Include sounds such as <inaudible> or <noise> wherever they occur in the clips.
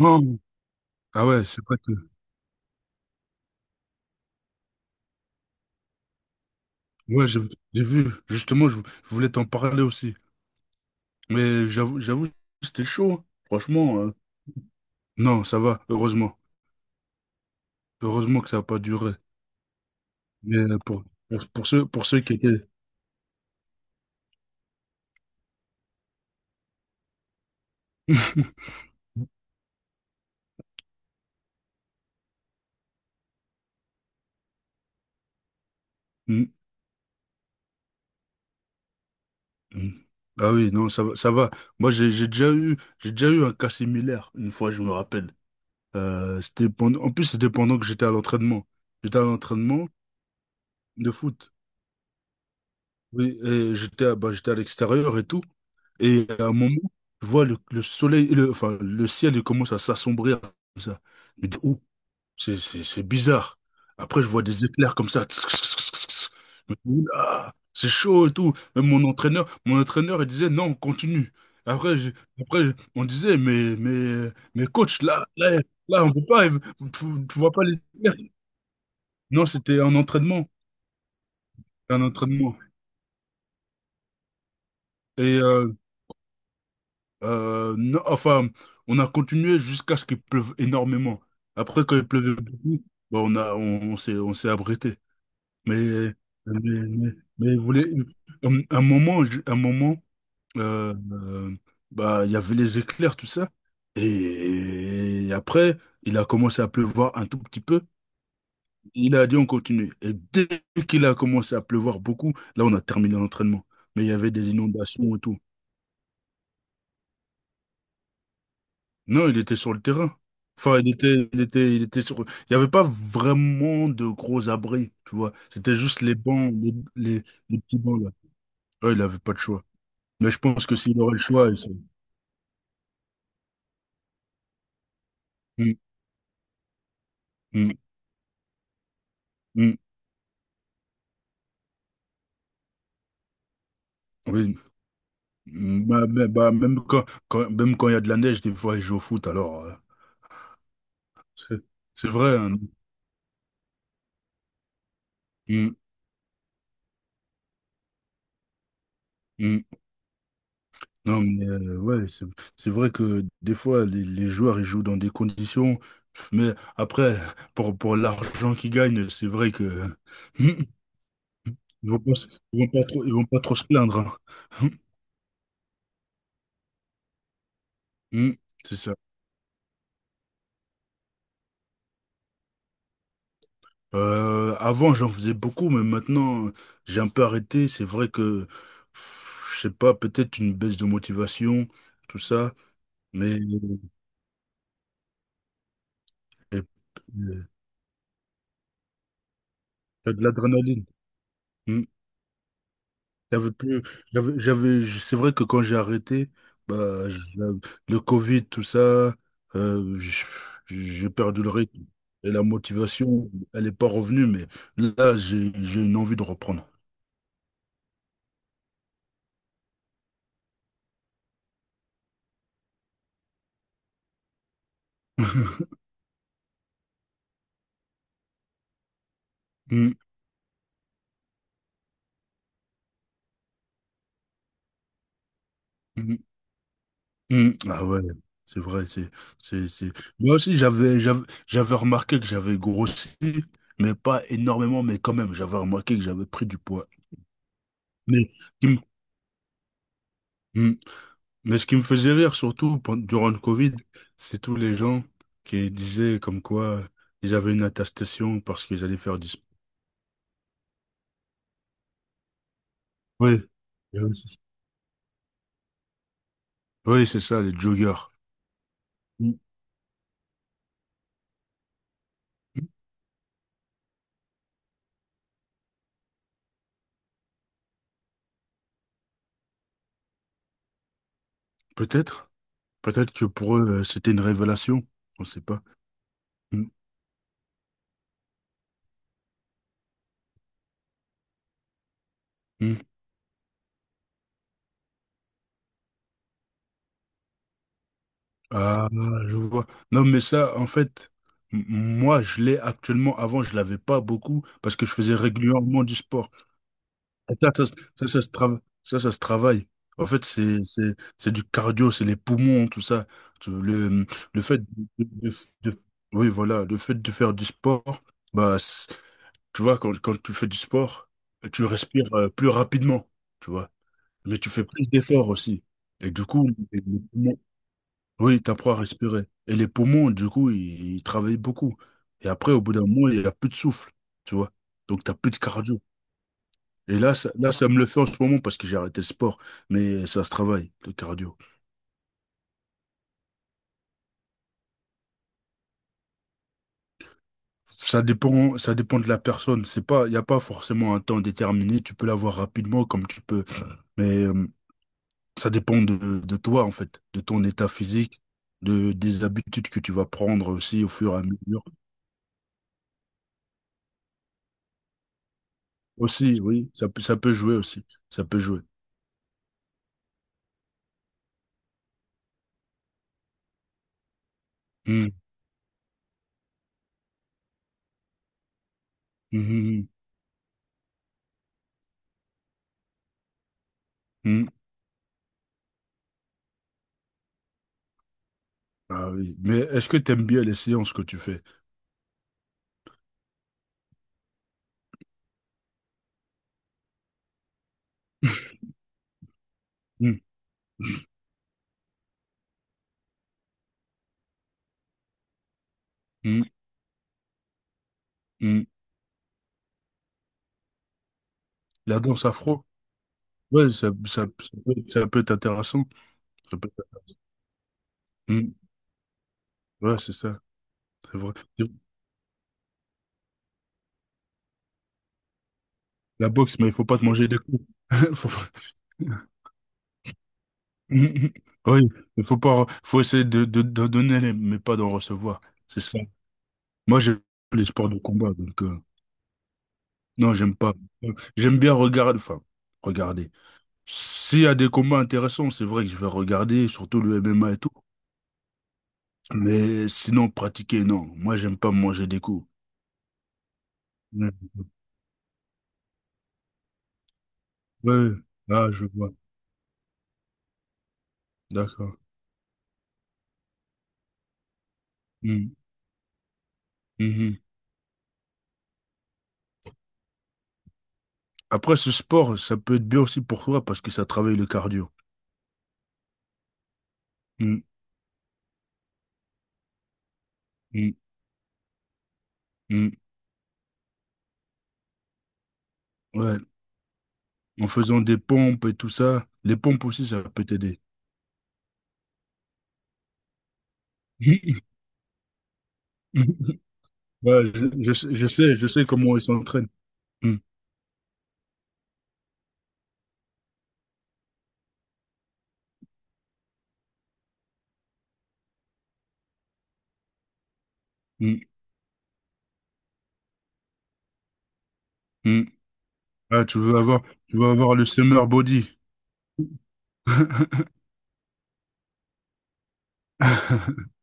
Oh, ah ouais, c'est vrai que. Ouais, j'ai vu. Justement, je voulais t'en parler aussi. Mais j'avoue, c'était chaud, hein. Franchement, non, ça va. Heureusement. Heureusement que ça n'a pas duré. Mais pour pour ceux qui étaient. <laughs> Mm, mm. Ah oui, non, ça va, ça va. Moi, j'ai déjà eu un cas similaire, une fois, je me rappelle. C'était pendant, en plus, c'était pendant que j'étais à l'entraînement. J'étais à l'entraînement de foot. Oui, et bah, j'étais à l'extérieur et tout. Et à un moment, je vois le soleil, enfin, le ciel, il commence à s'assombrir comme ça. Je me dis, oh, c'est bizarre. Après, je vois des éclairs comme ça. Je me dis, oula, c'est chaud et tout. Même mon entraîneur, il disait, non, on continue. Après, je- après, on disait, mais coach, là, on peut pas, tu vois pas les éclairs. Non, c'était un entraînement. Et, euh, non, enfin, on a continué jusqu'à ce qu'il pleuve énormément. Après, quand il pleuvait beaucoup, bah, on a, on, on s'est abrité. Mais, mais, mais, mais vous voulez, un moment, un moment, euh, euh, bah, il y avait les éclairs, tout ça. Et après, il a commencé à pleuvoir un tout petit peu. Il a dit on continue. Et dès qu'il a commencé à pleuvoir beaucoup, là, on a terminé l'entraînement. Mais il y avait des inondations et tout. Non, il était sur le terrain. Enfin, il était sur. Il n'y avait pas vraiment de gros abris, tu vois. C'était juste les petits bancs là. Ouais, il avait pas de choix. Mais je pense que s'il aurait le choix, il serait- Mm, mm, mm. Oui. Mm. Bah, même quand, même quand il y a de la neige, des fois, il joue au foot. Alors, c'est c'est vrai, hein. Mm, mm. Non, mais ouais, c'est vrai que des fois, les joueurs, ils jouent dans des conditions. Mais après, pour l'argent qu'ils gagnent, c'est vrai que <laughs> ils vont pas, se- ils vont pas trop, ils vont pas trop se plaindre, hein. <laughs> Hmm. C'est ça. Avant, j'en faisais beaucoup, mais maintenant, j'ai un peu arrêté. C'est vrai que, pff, je sais pas, peut-être une baisse de motivation, tout ça, mais euh, t'as de l'adrénaline. Hmm. J'avais plus, j'avais- c'est vrai que quand j'ai arrêté, bah, le Covid, tout ça, euh, j- j'ai perdu le rythme. Et la motivation, elle n'est pas revenue, mais là, j'ai une envie de reprendre. <laughs> Mm, mm, mm. Ah ouais, c'est vrai, c'est. Moi aussi, j'avais remarqué que j'avais grossi, mais pas énormément, mais quand même, j'avais remarqué que j'avais pris du poids. Mais, mm, mm. Mais ce qui me faisait rire durant le Covid, c'est tous les gens qui disaient comme quoi ils avaient une attestation parce qu'ils allaient faire du sport. Oui, oui, c'est ça, les joggers. Mm. Peut-être, peut-être que pour eux, c'était une révélation. On ne sait pas. Mm. Mm. Ah, je vois. Non, mais ça, en fait, moi, je l'ai actuellement. Avant, je l'avais pas beaucoup parce que je faisais régulièrement du sport. Ça, ça se trava- ça se travaille. En fait, c'est du cardio, c'est les poumons, tout ça. Tu- Le, le fait de, de- de- oui, voilà, le fait de faire du sport, bah, c'est- tu vois, quand, quand tu fais du sport, tu respires plus rapidement, tu vois. Mais tu fais plus d'efforts aussi. Et du coup, les- les poumons- oui, t'apprends à respirer. Et les poumons, du coup, ils travaillent beaucoup. Et après, au bout d'un moment, il n'y a plus de souffle, tu vois. Donc, t'as plus de cardio. Et là, ça me le fait en ce moment parce que j'ai arrêté le sport, mais ça se travaille, le cardio. Ça dépend de la personne. C'est pas, il n'y a pas forcément un temps déterminé. Tu peux l'avoir rapidement comme tu peux, mais ça dépend de toi, en fait, de ton état physique, des habitudes que tu vas prendre aussi au fur et à mesure. Aussi, oui, ça, ça peut jouer aussi. Ça peut jouer. Hmm. hmm, hmm, hmm. hmm. Ah oui. Mais est-ce que tu aimes bien les séances que tu fais? <laughs> Hmm, hmm, hmm. La danse afro? Ouais, ça peut être intéressant. Ça peut être- Hmm. Ouais, c'est ça, c'est vrai. La boxe, mais il faut pas te manger des coups. <laughs> Faut pas- Hmm, hmm. Oui, il faut pas, faut essayer de donner, les- mais pas d'en recevoir. C'est ça. Moi, j'aime les sports de combat, donc non, j'aime pas. J'aime bien regarder, enfin, regarder. S'il y a des combats intéressants, c'est vrai que je vais regarder, surtout le MMA et tout. Mais sinon, pratiquer, non. Moi, j'aime pas manger des coups. Ouais, ouais, ah, je vois. D'accord. Mm. Mhm. Après, ce sport, ça peut être bien aussi pour toi parce que ça travaille le cardio. Mm, mm, mm. Ouais, en faisant des pompes et tout ça, les pompes aussi, ça peut t'aider. <laughs> Ouais, je sais, je sais comment ils s'entraînent. Mm, mm, mm. Ah, tu veux avoir le summer body. <laughs>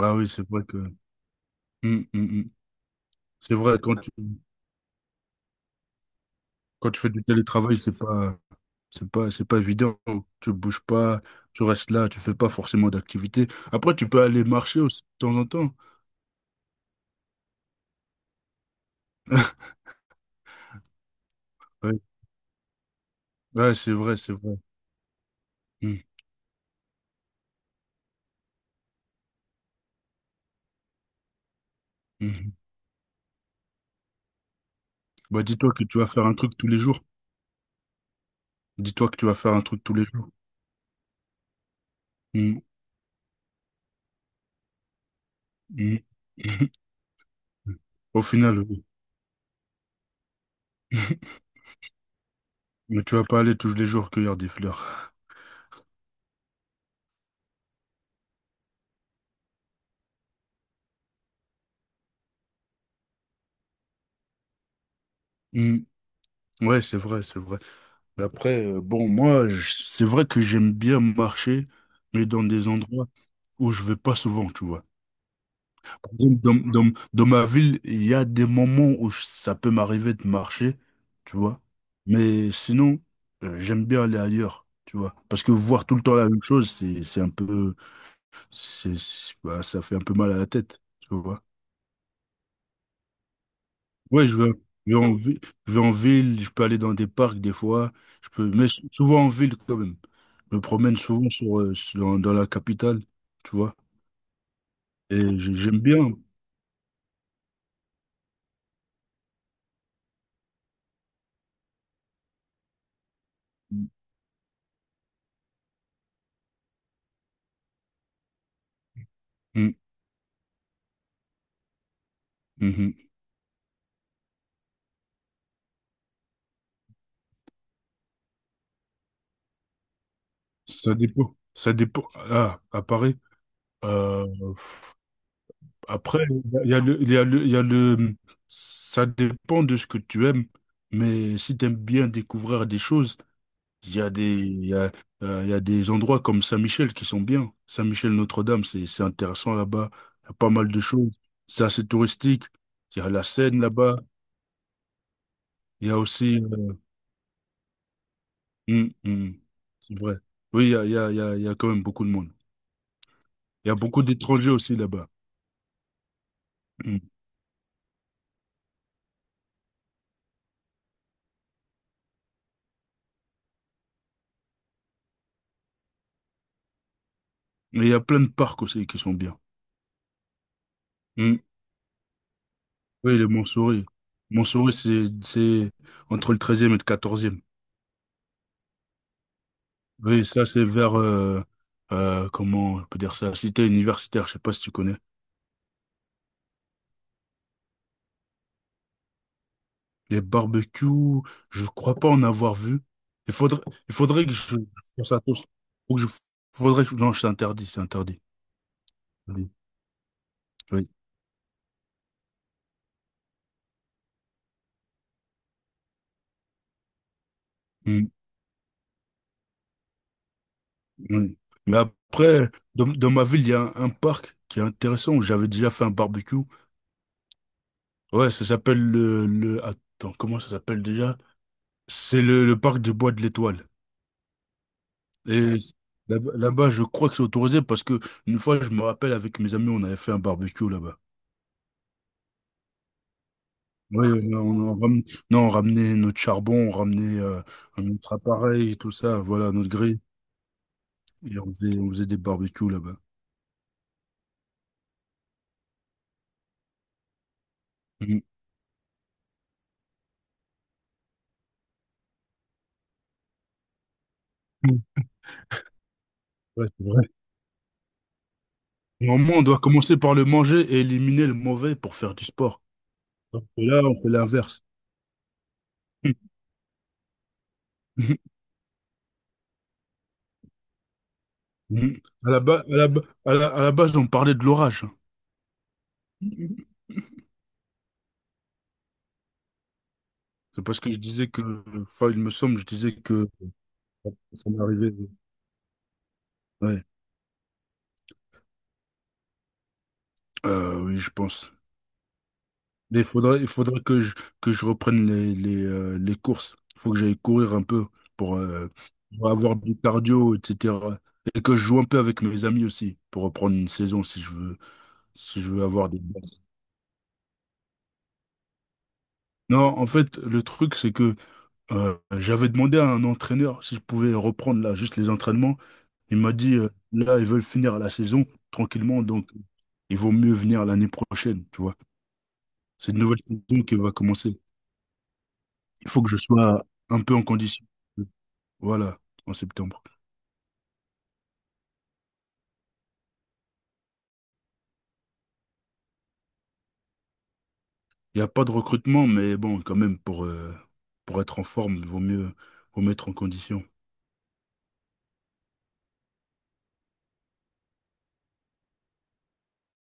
Ah oui, c'est vrai que, mm, mm, mm, c'est vrai, quand tu fais du télétravail, c'est pas, c'est pas évident. Tu bouges pas, tu restes là, tu fais pas forcément d'activité. Après, tu peux aller marcher aussi de temps en temps. <laughs> Ouais, ouais, c'est vrai, c'est vrai. Mm, mhm. Bah, dis-toi que tu vas faire un truc tous les jours. Dis-toi que tu vas faire un truc tous les jours. Mm, mm, mhm. Au final, oui. <laughs> Mais tu vas pas aller tous les jours cueillir des fleurs. Mm, ouais, c'est vrai, c'est vrai. Mais après, bon, moi, c'est vrai que j'aime bien marcher, mais dans des endroits où je vais pas souvent, tu vois. Dans ma ville, il y a des moments où ça peut m'arriver de marcher, tu vois. Mais sinon, j'aime bien aller ailleurs, tu vois. Parce que voir tout le temps la même chose, c'est un peu, c'est- bah, ça fait un peu mal à la tête, tu vois. Ouais, je vais, je vais en ville, je vais en ville, je peux aller dans des parcs des fois, je peux, mais souvent en ville quand même. Je me promène souvent dans la capitale, tu vois. Et j'aime bien. Mm, mhm. Ça dépend. Ça dépend. Ah, à Paris. Euh, Après, il y a le, ça dépend de ce que tu aimes. Mais si tu aimes bien découvrir des choses, il y a des, il y a, il y a des endroits comme Saint-Michel qui sont bien. Saint-Michel Notre-Dame, c'est intéressant là-bas. Il y a pas mal de choses. C'est assez touristique. Il y a la Seine là-bas. Il y a aussi, hum, hum, c'est vrai. Oui, il y a, il y a, il y a, il y a quand même beaucoup de monde. Il y a beaucoup d'étrangers aussi là-bas. Hum. Mais il y a plein de parcs aussi qui sont bien. Mm. Oui, les Montsouris. Montsouris, c'est entre le treizième et le quatorzième. Oui, ça, c'est vers, comment on peut dire ça, cité universitaire, je sais pas si tu connais. Les barbecues, je crois pas en avoir vu. Il faudrait, il faudrait je pense à tous. Faut que je, faudrait que, non, c'est interdit, c'est interdit. Oui, oui. Mm, oui. Mais après, dans ma ville, il y a un parc qui est intéressant où j'avais déjà fait un barbecue. Ouais, ça s'appelle le... Attends, comment ça s'appelle déjà? C'est le parc du Bois de l'Étoile. Et là là-bas, je crois que c'est autorisé parce que une fois, je me rappelle, avec mes amis, on avait fait un barbecue là-bas. Ouais, on, on, on ramenait, non, on ramenait notre charbon, on ramenait notre appareil et tout ça, voilà, notre grille. Et on faisait des barbecues là-bas. Mhm. Ouais, c'est vrai. Normalement, on doit commencer par le manger et éliminer le mauvais pour faire du sport. Alors que là, on fait l'inverse. <laughs> Mm. À la base, à la, ba- à la base, on parlait de l'orage. Mhm. C'est parce que je disais que, enfin, il me semble, je disais que ça m'est arrivé. Ouais. Oui, je pense. Mais il faudrait que je reprenne les courses. Il faut que j'aille courir un peu pour, euh, pour avoir du cardio, etc. Et que je joue un peu avec mes amis aussi pour reprendre une saison si je veux, si je veux avoir des bases. Non, en fait, le truc, c'est que j'avais demandé à un entraîneur si je pouvais reprendre là juste les entraînements. Il m'a dit, là, ils veulent finir la saison tranquillement, donc il vaut mieux venir l'année prochaine, tu vois. C'est une nouvelle saison qui va commencer. Il faut que je sois un peu en condition. Voilà, en septembre. Il n'y a pas de recrutement, mais bon, quand même, pour être en forme, vaut mieux être en condition.